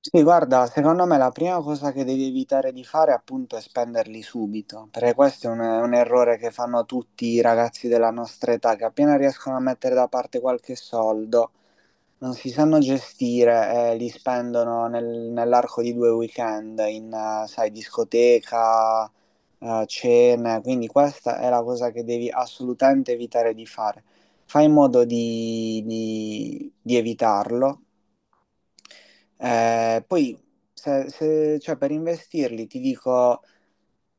Sì, guarda, secondo me la prima cosa che devi evitare di fare appunto è spenderli subito, perché questo è un errore che fanno tutti i ragazzi della nostra età, che appena riescono a mettere da parte qualche soldo, non si sanno gestire e li spendono nell'arco di due weekend in, sai, discoteca, cene, quindi questa è la cosa che devi assolutamente evitare di fare. Fai in modo di evitarlo. Poi, cioè, per investirli, ti dico,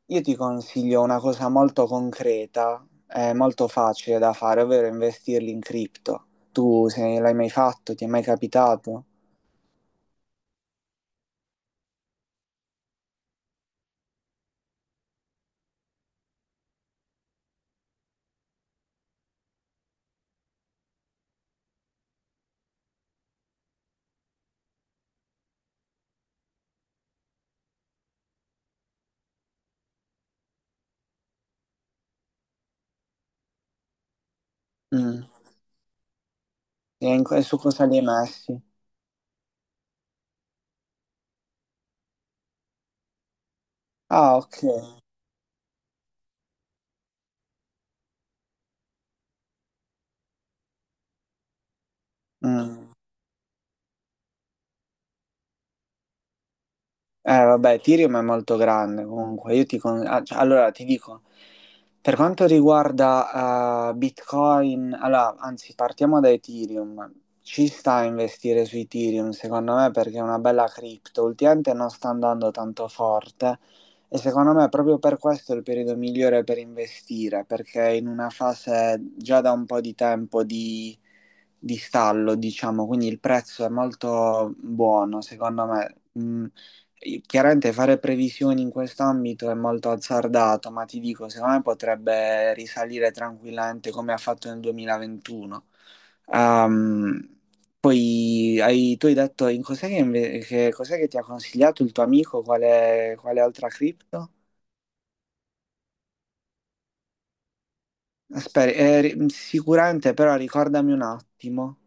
io ti consiglio una cosa molto concreta, molto facile da fare, ovvero investirli in cripto. Tu se l'hai mai fatto, ti è mai capitato? Mm. E su cosa li hai messi? Ah, ok. Mm. Vabbè, Ethereum è molto grande comunque. Io ti con- ah, cioè, allora ti dico, per quanto riguarda Bitcoin, allora, anzi, partiamo da Ethereum. Ci sta a investire su Ethereum, secondo me, perché è una bella cripto. Ultimamente non sta andando tanto forte e secondo me proprio per questo è il periodo migliore per investire, perché è in una fase già da un po' di tempo di stallo, diciamo, quindi il prezzo è molto buono, secondo me. Chiaramente fare previsioni in quest'ambito è molto azzardato, ma ti dico, secondo me potrebbe risalire tranquillamente come ha fatto nel 2021. Ehm, poi, tu hai detto in cos'è che, inve- che- cos'è che ti ha consigliato il tuo amico, quale altra cripto? Aspetta, sicuramente però ricordami un attimo.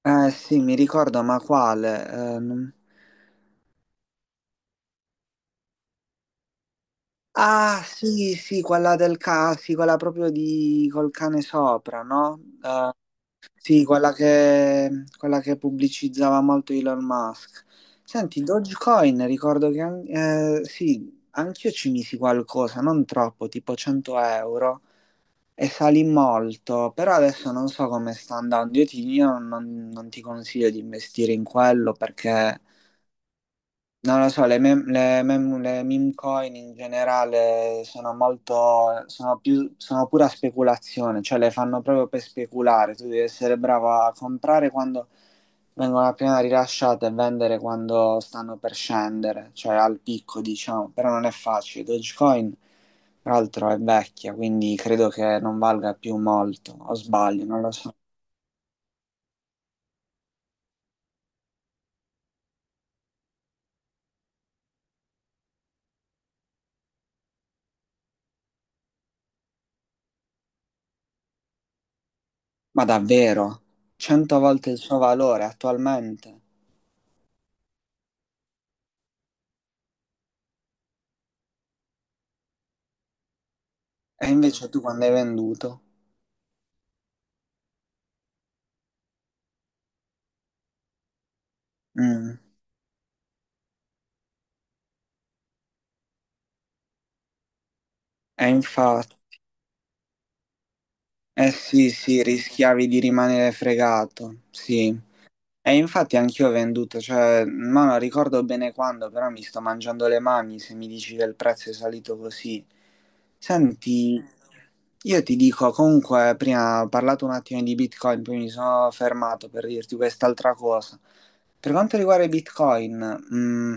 Eh sì, mi ricordo, ma quale? Ah sì, sì, sì, quella proprio di col cane sopra, no? Sì, quella che pubblicizzava molto Elon Musk. Senti, Dogecoin, ricordo che sì, anch'io ci misi qualcosa, non troppo, tipo 100 euro, e salì molto, però adesso non so come sta andando. Io non ti consiglio di investire in quello perché non lo so, le meme coin in generale sono molto, sono più, sono pura speculazione, cioè le fanno proprio per speculare, tu devi essere bravo a comprare quando vengono appena rilasciate e vendere quando stanno per scendere, cioè al picco diciamo, però non è facile. Dogecoin, tra l'altro, è vecchia, quindi credo che non valga più molto, o sbaglio, non lo so. Ma davvero, 100 volte il suo valore attualmente, e invece tu quando hai venduto? Mm. E infatti, eh sì, sì, rischiavi di rimanere fregato, sì. E infatti anch'io ho venduto, cioè, ma non ricordo bene quando, però mi sto mangiando le mani se mi dici che il prezzo è salito così. Senti, io ti dico, comunque, prima ho parlato un attimo di Bitcoin, poi mi sono fermato per dirti quest'altra cosa. Per quanto riguarda i Bitcoin,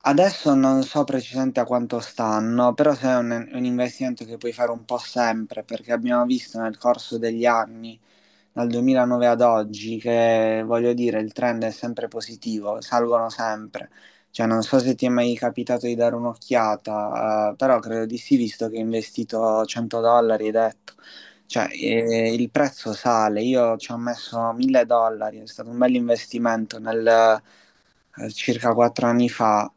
adesso non so precisamente a quanto stanno, però se è un investimento che puoi fare un po' sempre, perché abbiamo visto nel corso degli anni, dal 2009 ad oggi, che voglio dire, il trend è sempre positivo, salgono sempre. Cioè, non so se ti è mai capitato di dare un'occhiata, però credo di sì, visto che hai investito 100 dollari, hai detto. Cioè, il prezzo sale, io ci ho messo 1000 dollari, è stato un bel investimento nel circa 4 anni fa,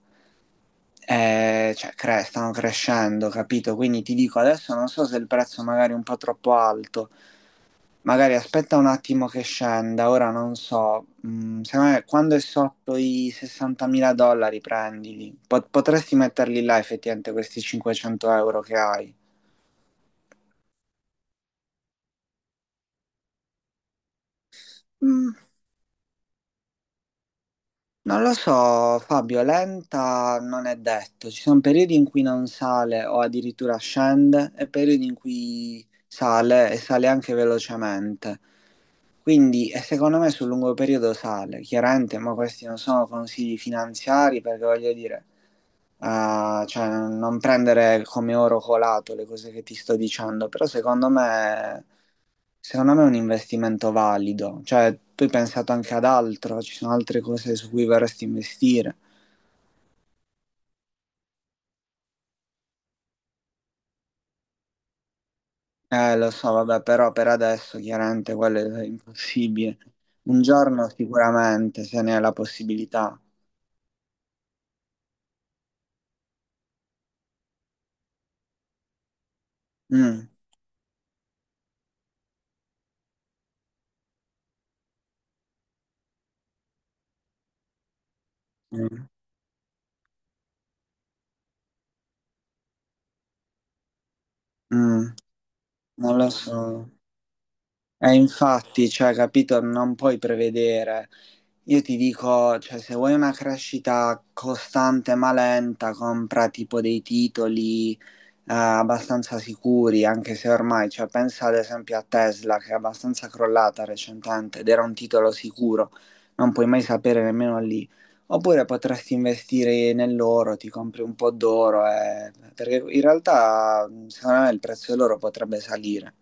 cioè, stanno crescendo, capito? Quindi ti dico, adesso non so se il prezzo magari è un po' troppo alto, magari aspetta un attimo che scenda, ora non so. Secondo me quando è sotto i 60.000 dollari prendili. Potresti metterli là effettivamente questi 500 euro che hai. Mm. Non lo so, Fabio, lenta non è detto. Ci sono periodi in cui non sale o addirittura scende e periodi in cui sale e sale anche velocemente. Quindi, e secondo me sul lungo periodo sale, chiaramente, ma questi non sono consigli finanziari perché voglio dire, cioè, non prendere come oro colato le cose che ti sto dicendo, però secondo me è un investimento valido, cioè tu hai pensato anche ad altro, ci sono altre cose su cui vorresti investire. Lo so, vabbè, però per adesso chiaramente quello è impossibile. Un giorno sicuramente, se ne è la possibilità. Mm, mm, mm, Non lo so. E infatti, cioè, capito, non puoi prevedere. Io ti dico, cioè, se vuoi una crescita costante ma lenta, compra tipo dei titoli abbastanza sicuri, anche se ormai, cioè, pensa ad esempio a Tesla che è abbastanza crollata recentemente ed era un titolo sicuro, non puoi mai sapere nemmeno lì. Oppure potresti investire nell'oro, ti compri un po' d'oro, perché in realtà secondo me il prezzo dell'oro potrebbe salire.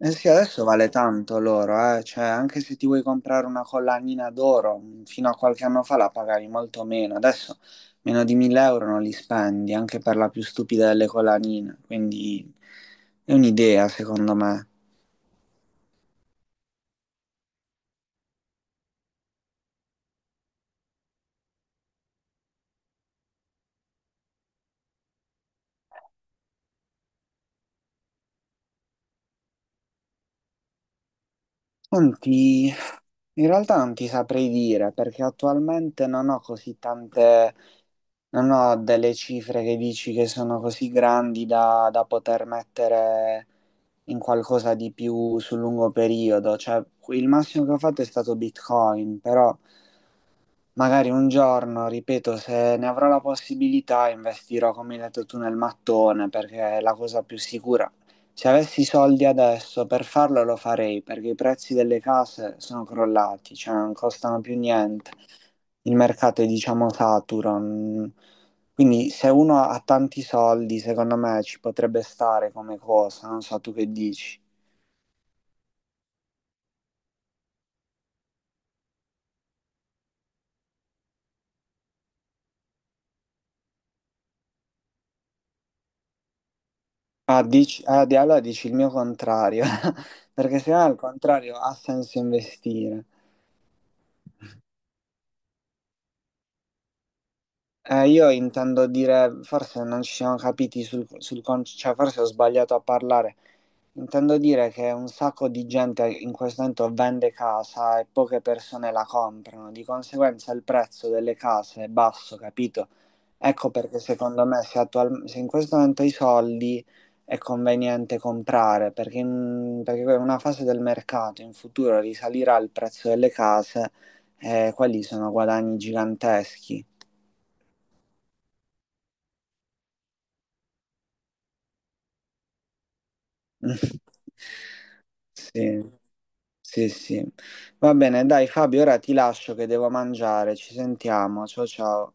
Eh sì, adesso vale tanto l'oro, eh. Cioè, anche se ti vuoi comprare una collanina d'oro, fino a qualche anno fa la pagavi molto meno, adesso meno di 1000 euro non li spendi, anche per la più stupida delle collanine, quindi è un'idea secondo me. Senti, in realtà non ti saprei dire perché attualmente non ho così tante, non ho delle cifre che dici che sono così grandi da poter mettere in qualcosa di più sul lungo periodo. Cioè, il massimo che ho fatto è stato Bitcoin, però. Magari un giorno, ripeto, se ne avrò la possibilità, investirò, come hai detto tu, nel mattone, perché è la cosa più sicura. Se avessi i soldi adesso per farlo lo farei, perché i prezzi delle case sono crollati, cioè non costano più niente. Il mercato è, diciamo, saturo. Mm. Quindi se uno ha tanti soldi, secondo me ci potrebbe stare come cosa, non so tu che dici. Ah, allora dici il mio contrario, perché se no al contrario ha senso investire. Io intendo dire, forse non ci siamo capiti cioè forse ho sbagliato a parlare. Intendo dire che un sacco di gente in questo momento vende casa e poche persone la comprano, di conseguenza il prezzo delle case è basso, capito? Ecco perché secondo me se in questo momento hai soldi è conveniente comprare, perché in una fase del mercato in futuro risalirà il prezzo delle case e quelli sono guadagni giganteschi. Sì, sì, sì. Va bene, dai Fabio, ora ti lascio che devo mangiare. Ci sentiamo. Ciao ciao.